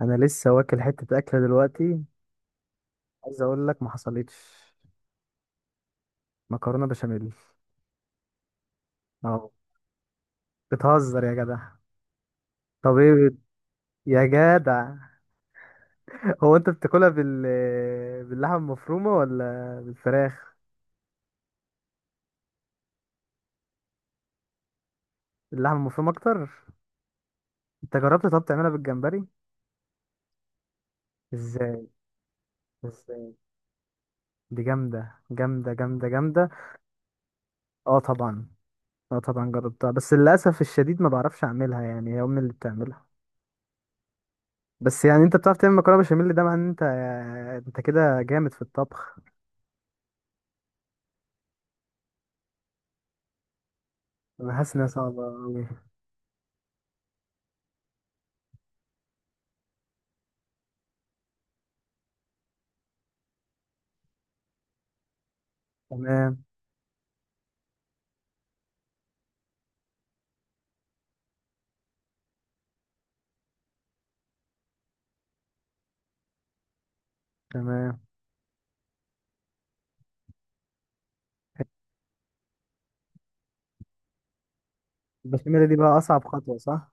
انا لسه واكل حته اكله دلوقتي. عايز اقول لك ما حصلتش. مكرونه بشاميل. اه، بتهزر يا جدع؟ طب ايه يا جدع. هو انت بتاكلها باللحمه المفرومه ولا بالفراخ؟ اللحمه المفرومه اكتر. انت جربت طب تعملها بالجمبري؟ ازاي؟ ازاي دي جامده جامده جامده جامده. اه طبعا اه طبعا جربتها، بس للاسف الشديد ما بعرفش اعملها، يعني هي امي اللي بتعملها. بس يعني انت بتعرف تعمل مكرونه بشاميل، ده معناه ان انت كده جامد في الطبخ. انا حاسس انها صعبة أوي. تمام تمام. البشاميل دي بقى اصعب خطوة، صح؟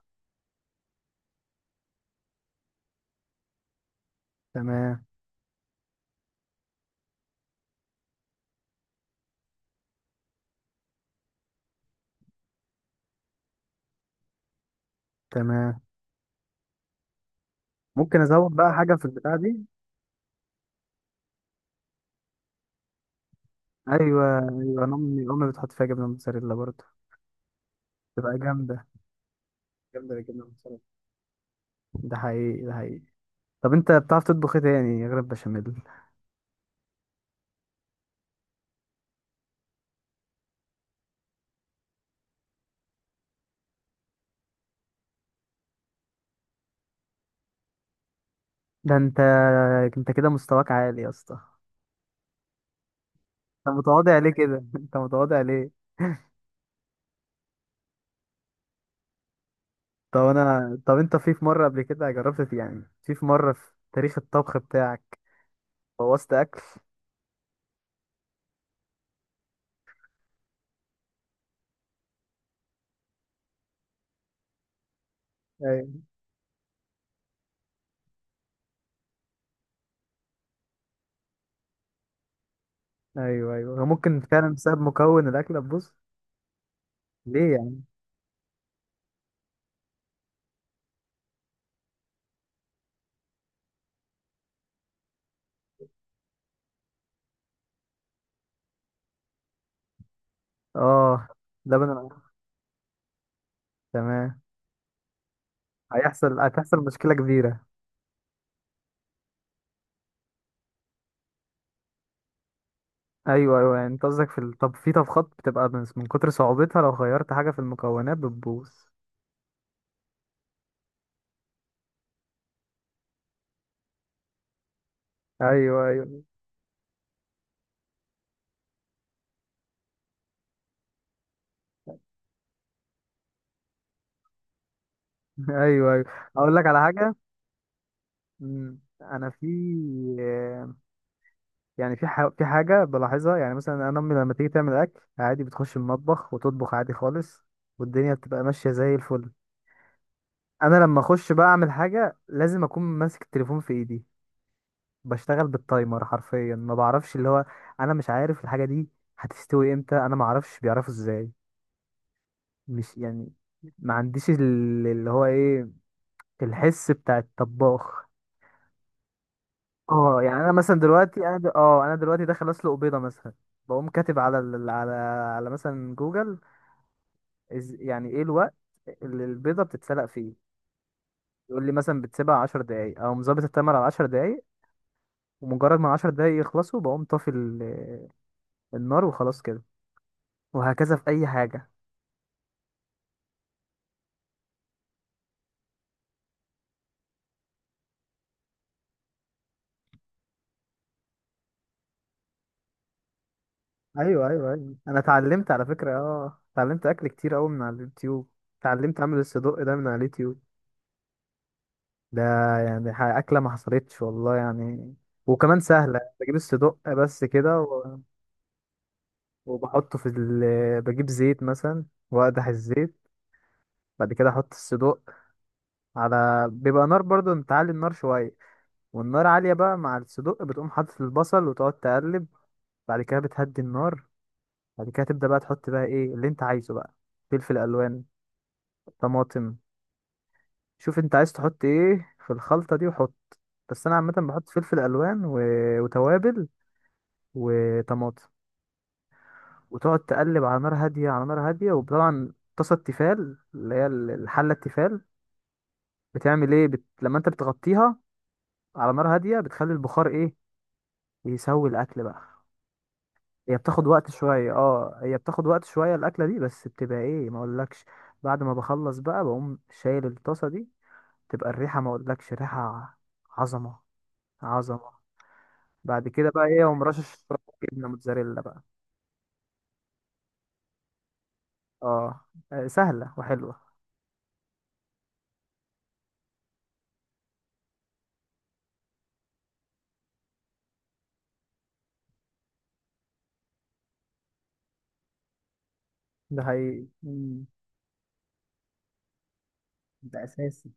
تمام. تمام. ممكن ازود بقى حاجة في البتاعة دي؟ ايوه ايوه، انا امي امي بتحط فيها جبنة موتزاريلا برضه. تبقى جامدة. جامدة الجبنة الموتزاريلا. ده حقيقي ده حقيقي. طب انت بتعرف تطبخ ايه تاني غير البشاميل؟ ده انت كده مستواك عالي يا اسطى. انت متواضع ليه كده؟ انت متواضع ليه؟ طب انت في مرة قبل كده جربت يعني، في مرة في تاريخ الطبخ بتاعك بوظت اكل؟ أيوة. ايوه ايوه، هو ممكن فعلا بسبب مكون الاكل تبوظ. ليه يعني؟ اه. لبن العسل. تمام. هتحصل مشكله كبيره. ايوه ايوه، يعني انت قصدك طب في طبخات بتبقى من كتر صعوبتها لو غيرت حاجه في المكونات بتبوظ؟ ايوه ايوه. ايوه ايوه، اقول لك على حاجه. انا في يعني في حاجه بلاحظها، يعني مثلا انا امي لما تيجي تعمل اكل عادي بتخش المطبخ وتطبخ عادي خالص، والدنيا بتبقى ماشيه زي الفل. انا لما اخش بقى اعمل حاجه لازم اكون ماسك التليفون في ايدي، بشتغل بالتايمر حرفيا، ما بعرفش اللي هو، انا مش عارف الحاجه دي هتستوي امتى، انا ما اعرفش بيعرفوا ازاي. مش يعني، ما عنديش اللي هو ايه، الحس بتاع الطباخ. اه، يعني انا مثلا دلوقتي انا د... اه انا دلوقتي داخل اسلق بيضه مثلا، بقوم كاتب على ال... على على مثلا جوجل، يعني ايه الوقت اللي البيضه بتتسلق فيه، يقول لي مثلا بتسيبها 10 دقايق او مظبط التايمر على 10 دقايق، ومجرد ما عشر دقايق يخلصوا بقوم طافي النار وخلاص كده. وهكذا في اي حاجة. ايوه ايوه ايوه، انا اتعلمت على فكرة، اتعلمت اكل كتير قوي من على اليوتيوب. اتعلمت اعمل الصدق ده من على اليوتيوب. ده يعني اكلة ما حصلتش والله يعني، وكمان سهلة. بجيب الصدق بس كده وبحطه بجيب زيت مثلا واقدح الزيت، بعد كده احط الصدق على، بيبقى نار برضو انت عالي النار شوية، والنار عالية بقى مع الصدق، بتقوم حاطط البصل وتقعد تقلب. بعد كده بتهدي النار، بعد كده تبدأ بقى تحط بقى ايه اللي انت عايزه بقى، فلفل الوان، طماطم. شوف انت عايز تحط ايه في الخلطة دي وحط، بس انا عامة بحط فلفل الوان وتوابل وطماطم، وتقعد تقلب على نار هادية، على نار هادية، وطبعا طاسة التيفال اللي هي الحلة التيفال بتعمل ايه لما انت بتغطيها على نار هادية بتخلي البخار ايه يسوي الاكل بقى. هي بتاخد وقت شوية الأكلة دي، بس بتبقى ايه ما اقولكش. بعد ما بخلص بقى، بقوم شايل الطاسة دي، تبقى الريحة ما اقولكش، ريحة عظمة عظمة. بعد كده بقى ايه، اقوم رشش شوية جبنة موتزاريلا بقى. اه سهلة وحلوة. ده حقيقي. مم. ده اساسي.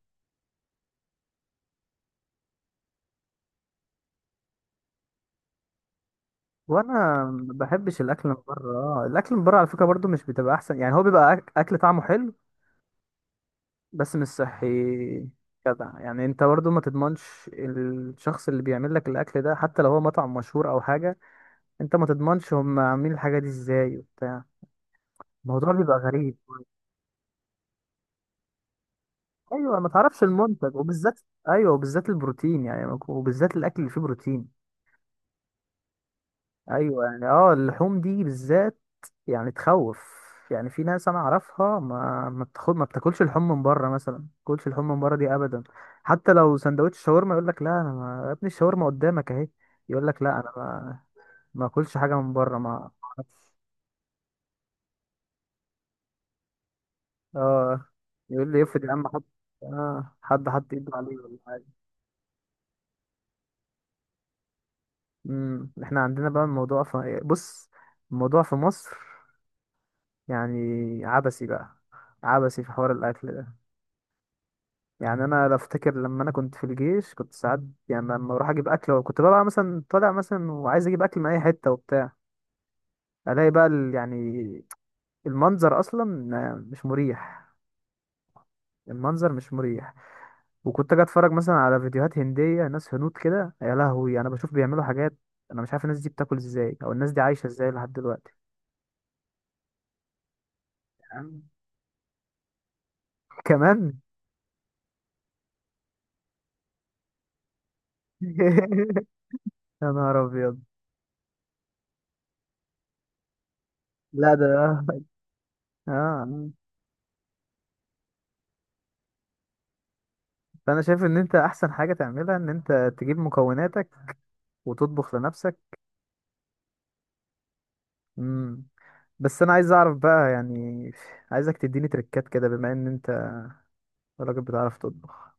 وانا ما بحبش الاكل من بره، الاكل من بره على فكرة برضو مش بتبقى احسن، يعني هو بيبقى اكل طعمه حلو بس مش صحي. جدع يعني انت برضو ما تضمنش الشخص اللي بيعمل لك الاكل ده، حتى لو هو مطعم مشهور او حاجه، انت ما تضمنش هم عاملين الحاجه دي ازاي وبتاع، الموضوع بيبقى غريب. ايوه، ما تعرفش المنتج وبالذات. ايوه وبالذات البروتين، يعني وبالذات الاكل اللي فيه بروتين. ايوه يعني، اللحوم دي بالذات يعني تخوف. يعني في ناس انا اعرفها ما بتاخد، ما بتاكلش لحوم من بره مثلا، ما بتاكلش لحوم من بره دي ابدا، حتى لو سندوتش شاورما يقول لك لا انا ما...، يا ابني الشاورما قدامك اهي، يقول لك لا انا ما اكلش حاجه من بره ما أعرفش. اه، يقول لي يفرض يا عم، حد حط ايده عليه ولا حاجه. احنا عندنا بقى الموضوع في بص، الموضوع في مصر يعني عبثي بقى، عبثي في حوار الاكل ده. يعني انا بفتكر لما انا كنت في الجيش كنت ساعات، يعني لما اروح اجيب اكل، وكنت ببقى مثلا طالع مثلا وعايز اجيب اكل من اي حته وبتاع، الاقي بقى يعني المنظر اصلا مش مريح، المنظر مش مريح. وكنت اجي اتفرج مثلا على فيديوهات هنديه، ناس هنود كده، يا لهوي انا بشوف بيعملوا حاجات انا مش عارف الناس دي بتاكل ازاي، او الناس دي عايشه ازاي لحد دلوقتي. كمان. يا نهار ابيض. لا، ده اه فانا شايف ان انت احسن حاجه تعملها ان انت تجيب مكوناتك وتطبخ لنفسك. امم بس انا عايز اعرف بقى يعني، عايزك تديني تريكات كده بما ان انت راجل بتعرف تطبخ.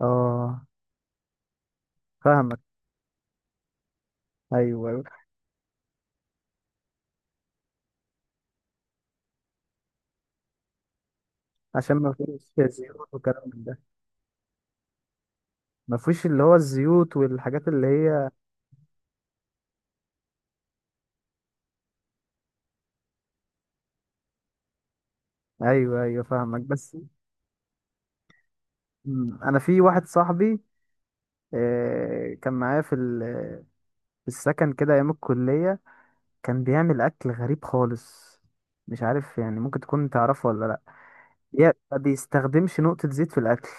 اه، فاهمك. ايوه ايوه، عشان ما فيش زيوت وكلام من ده. ما فيش اللي هو الزيوت والحاجات اللي هي. ايوه ايوه، فاهمك بس. مم. انا في واحد صاحبي، كان معايا في السكن كده ايام الكلية، كان بيعمل اكل غريب خالص، مش عارف يعني ممكن تكون تعرفه ولا لا. ما بيستخدمش نقطة زيت في الاكل،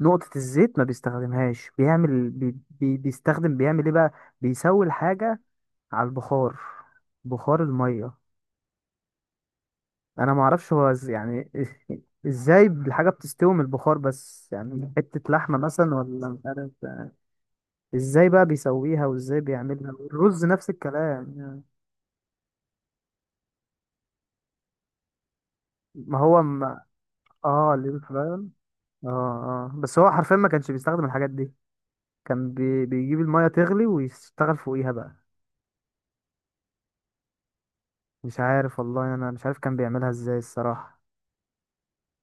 نقطة الزيت ما بيستخدمهاش، بيعمل بي بي بيستخدم بيعمل ايه بقى، بيسوي الحاجة على البخار، بخار المية. انا ما اعرفش هو يعني ازاي الحاجة بتستوي من البخار بس، يعني حتة لحمة مثلا ولا مش عارف. ازاي بقى بيسويها وازاي بيعملها الرز نفس الكلام يعني. ما هو ما اه اللي فعلا اه بس هو حرفيا ما كانش بيستخدم الحاجات دي، كان بيجيب المية تغلي ويشتغل فوقيها بقى. مش عارف والله، انا مش عارف كان بيعملها ازاي الصراحة.